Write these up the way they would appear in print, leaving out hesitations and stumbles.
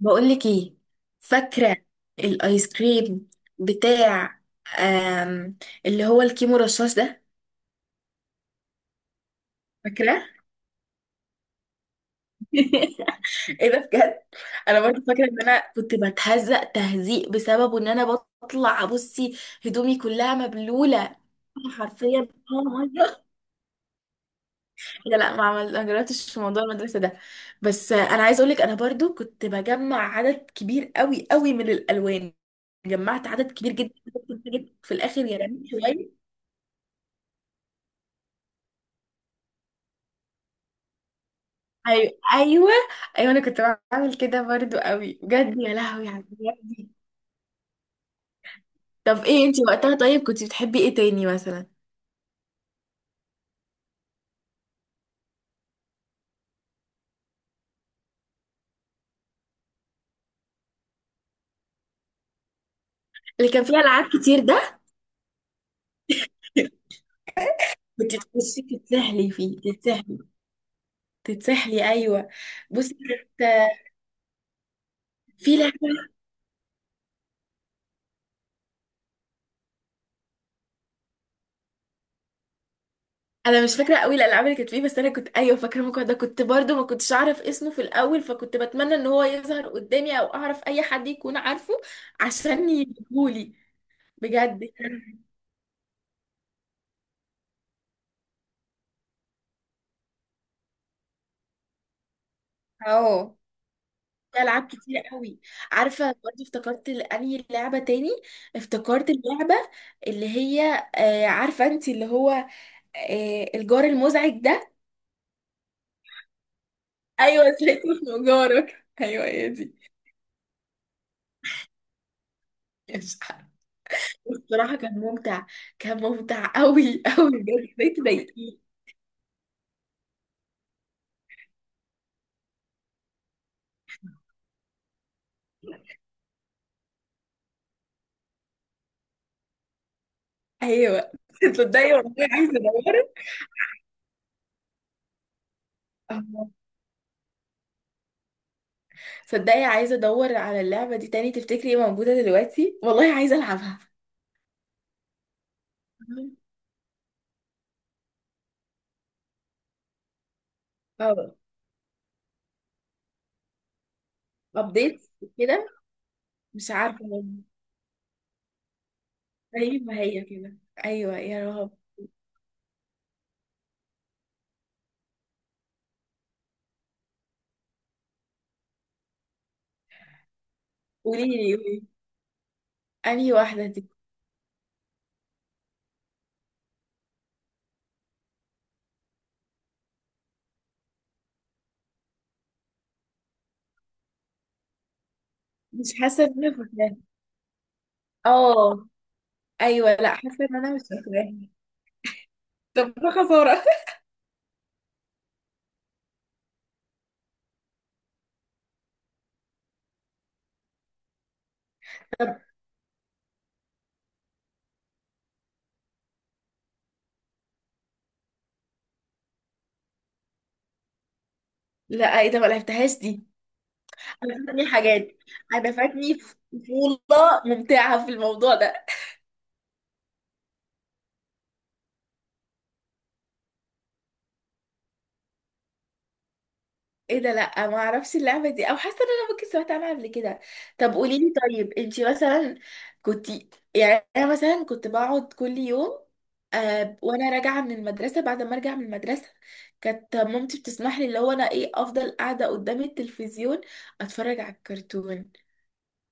بقولك ايه، فاكرة الايس كريم بتاع آم اللي هو الكيمو رشاش ده؟ فاكرة؟ ايه ده بجد. انا برضه فاكرة ان انا كنت بتهزق تهزيق بسببه، ان انا بطلع بصي هدومي كلها مبلولة. حرفيا اه ميه. لا لا ما جربتش في موضوع المدرسة ده. بس انا عايزة اقولك، انا برضه كنت بجمع عدد كبير قوي قوي من الالوان. جمعت عدد كبير جدا. في الاخر يا رامي شوية. ايوه ايوه. ايوه انا كنت بعمل كده برضو قوي بجد، يا لهوي على الحاجات دي. طب ايه انتي وقتها؟ طيب كنت بتحبي ايه تاني مثلا؟ اللي كان فيها العاب كتير ده. كنت تخشي تتسحلي فيه، تتسحلي تتسحلي ايوه. بصي كانت في لعبه. انا مش فاكره قوي الالعاب اللي كانت فيه، بس انا كنت ايوه فاكره الموقع ده، كنت برضو ما كنتش اعرف اسمه في الاول، فكنت بتمنى ان هو يظهر قدامي او اعرف اي حد يكون عارفه عشان يجيبهولي. بجد اه في العاب كتير قوي. عارفه برضه افتكرت انهي لعبه تاني. افتكرت اللعبه اللي هي، عارفه انت اللي هو، الجار المزعج ده. ايوه ازاي اسمه جارك، ايوه هي دي. مش عارفة. الصراحه كان ممتع، كان ممتع قوي قوي بجد ازاي تضايقيه. ايوه تصدقي والله عايزه ادور. آه. تصدقي عايزه ادور على اللعبه دي تاني، تفتكري موجوده دلوقتي؟ والله عايزه العبها. اه ابديت كده. مش عارفه. ايوه هي كده. ايوه يا رهاب. قولي لي قولي لي. انهي واحده دي؟ مش حاسه ان انا فاكراها. اه. ايوه لا حاسه ان انا مش فاكراها. طب ده خسارة. طب لا ايه ده، ما لعبتهاش دي. انا فاتني حاجات. انا فاتني طفوله ممتعه في الموضوع ده. ايه ده، لا ما اعرفش اللعبه دي، او حاسه ان انا ممكن سمعت عنها قبل كده. طب قولي لي. طيب انت مثلا كنت، يعني انا مثلا كنت بقعد كل يوم. وانا راجعه من المدرسه، بعد ما ارجع من المدرسه كانت مامتي بتسمح لي، اللي هو انا ايه افضل قاعده قدام التلفزيون اتفرج على الكرتون.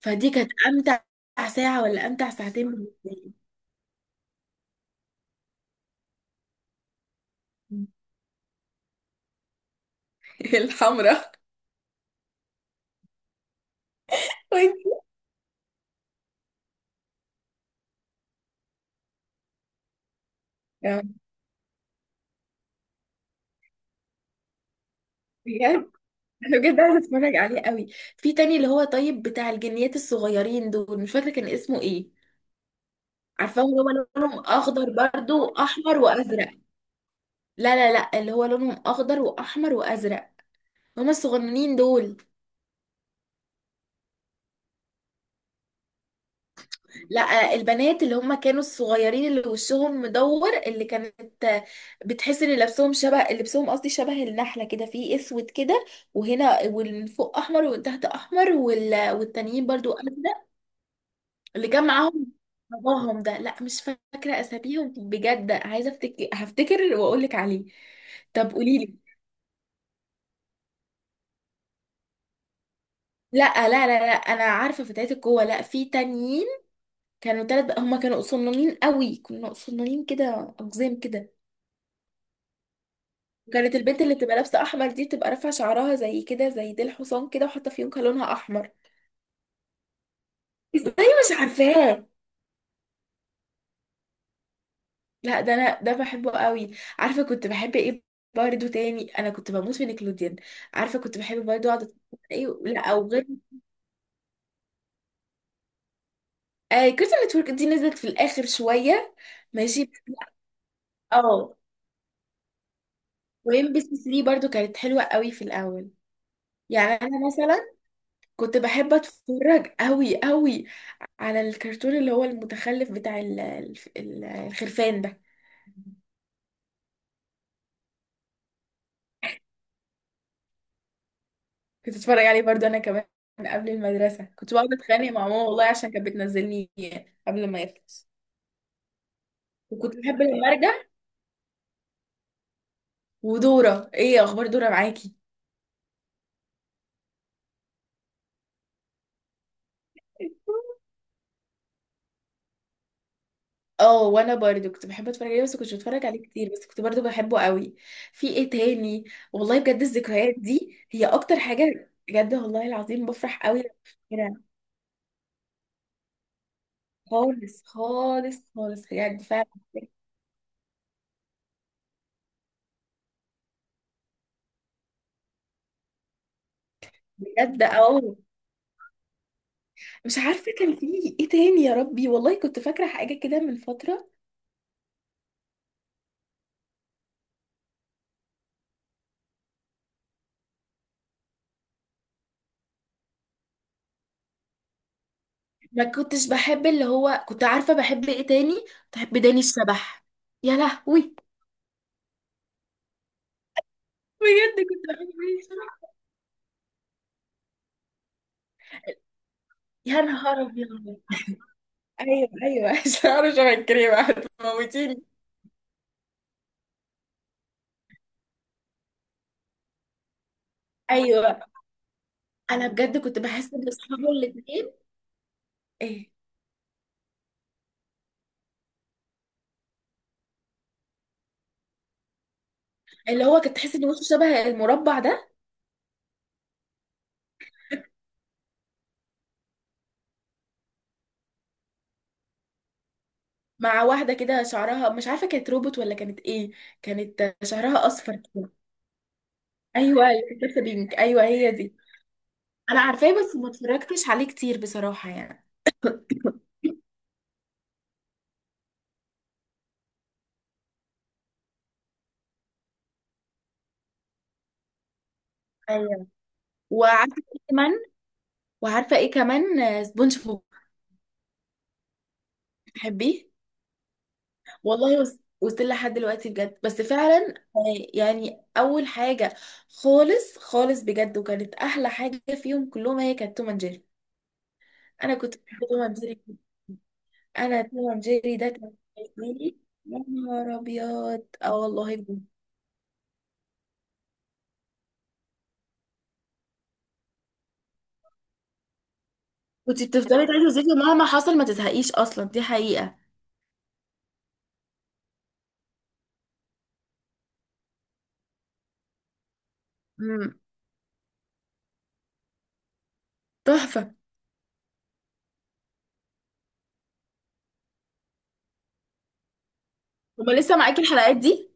فدي كانت امتع ساعه ولا امتع ساعتين بالنسبه لي. الحمراء. وانت؟ بجد. انا بجد عايزه اتفرج عليه قوي. في تاني اللي هو، طيب بتاع الجنيات الصغيرين دول مش فاكره كان اسمه ايه. عارفاهم اللي هو لونهم اخضر برضو واحمر وازرق. لا لا لا اللي هو لونهم اخضر واحمر وازرق، هما الصغننين دول. لا البنات اللي هما كانوا الصغيرين اللي وشهم مدور، اللي كانت بتحس ان لبسهم شبه لبسهم، قصدي شبه النحله كده، في اسود كده وهنا، ومن فوق احمر ومن تحت احمر والتانيين برضو ازرق. اللي كان معاهم باباهم ده، لا مش فاكرة أساميهم بجد، عايزة أفتكر هفتكر وأقول لك عليه. طب قولي لي. لا لا لا لا، أنا عارفة فتيات القوة، لا في تانيين. كانوا تلات بقى، هما كانوا صنانين قوي، كانوا صنانين كده أقزام كده. كانت البنت اللي بتبقى لابسة أحمر دي، بتبقى رافعة شعرها زي كده زي ديل حصان كده، وحاطة فيونكة لونها أحمر. ازاي مش عارفاه؟ لا ده انا ده بحبه قوي. عارفه كنت بحب ايه برضه تاني؟ انا كنت بموت في نيكلوديان. عارفه كنت بحب برضه اقعد أتفرج على ايه؟ لا او غير آه كارتون نتورك دي نزلت في الاخر شويه. ماشي اه. وام بي سي 3 برضه كانت حلوه قوي في الاول. يعني انا مثلا كنت بحب اتفرج قوي قوي على الكرتون اللي هو المتخلف بتاع الخرفان ده. كنت اتفرج عليه برضه انا كمان قبل المدرسه، كنت بقعد اتخانق مع ماما والله عشان كانت بتنزلني قبل ما يخلص. وكنت بحب لما ارجع. ودورة، ايه اخبار دورة معاكي؟ اه وانا برضو كنت بحب اتفرج عليه، بس كنتش بتفرج عليه كتير، بس كنت برضو بحبه قوي. في ايه تاني؟ والله بجد الذكريات دي هي اكتر حاجة، بجد والله العظيم بفرح قوي لما بفتكرها. خالص خالص خالص بجد فعلا. بجد اه. مش عارفة كان في ايه تاني يا ربي، والله كنت فاكرة حاجة كده من فترة. ما كنتش بحب اللي هو، كنت عارفة بحب ايه تاني؟ كنت بحب داني الشبح. يا لهوي بجد كنت بعمل ايه. يا نهار ابيض ايوه ايوه شعره شبه الكريمة هتموتيني ايوه انا بجد كنت بحس ان اصحابه الاثنين، ايه اللي هو كنت تحس ان وشه شبه المربع ده، مع واحده كده شعرها مش عارفه كانت روبوت ولا كانت ايه، كانت شعرها اصفر كده. ايوه اللي كانت لابسه بينك، ايوه هي دي. انا عارفاه بس ما اتفرجتش عليه كتير بصراحه يعني. ايوه وعارفه ايه كمان. وعارفه ايه كمان، سبونج بوب. بتحبيه؟ والله وصلت لحد دلوقتي بجد، بس فعلا يعني اول حاجه. خالص خالص بجد، وكانت احلى حاجه فيهم كلهم هي كانت توم اند جيري. انا كنت بحب توم اند جيري جداً. انا توم اند جيري ده كان بالنسبة لي، يا نهار ابيض اه والله بجد. كنت بتفضلي تعيدي وزيكي مهما حصل ما تزهقيش اصلا، دي حقيقه. امم تحفه. هما لسه معاكي الحلقات دي؟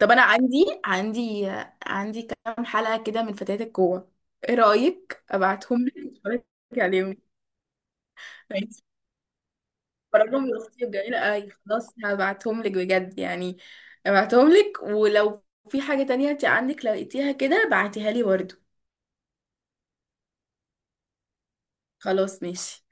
طب انا عندي كام حلقه كده من فتيات القوه، ايه رايك ابعتهم لك تتفرجي عليهم؟ كويس. فرجهم لاختي الجميلة أوي، خلاص هبعتهم لك بجد يعني، هبعتهم لك. ولو في حاجة تانية انت عندك لقيتيها كده، بعتيها لي برضه. خلاص ماشي.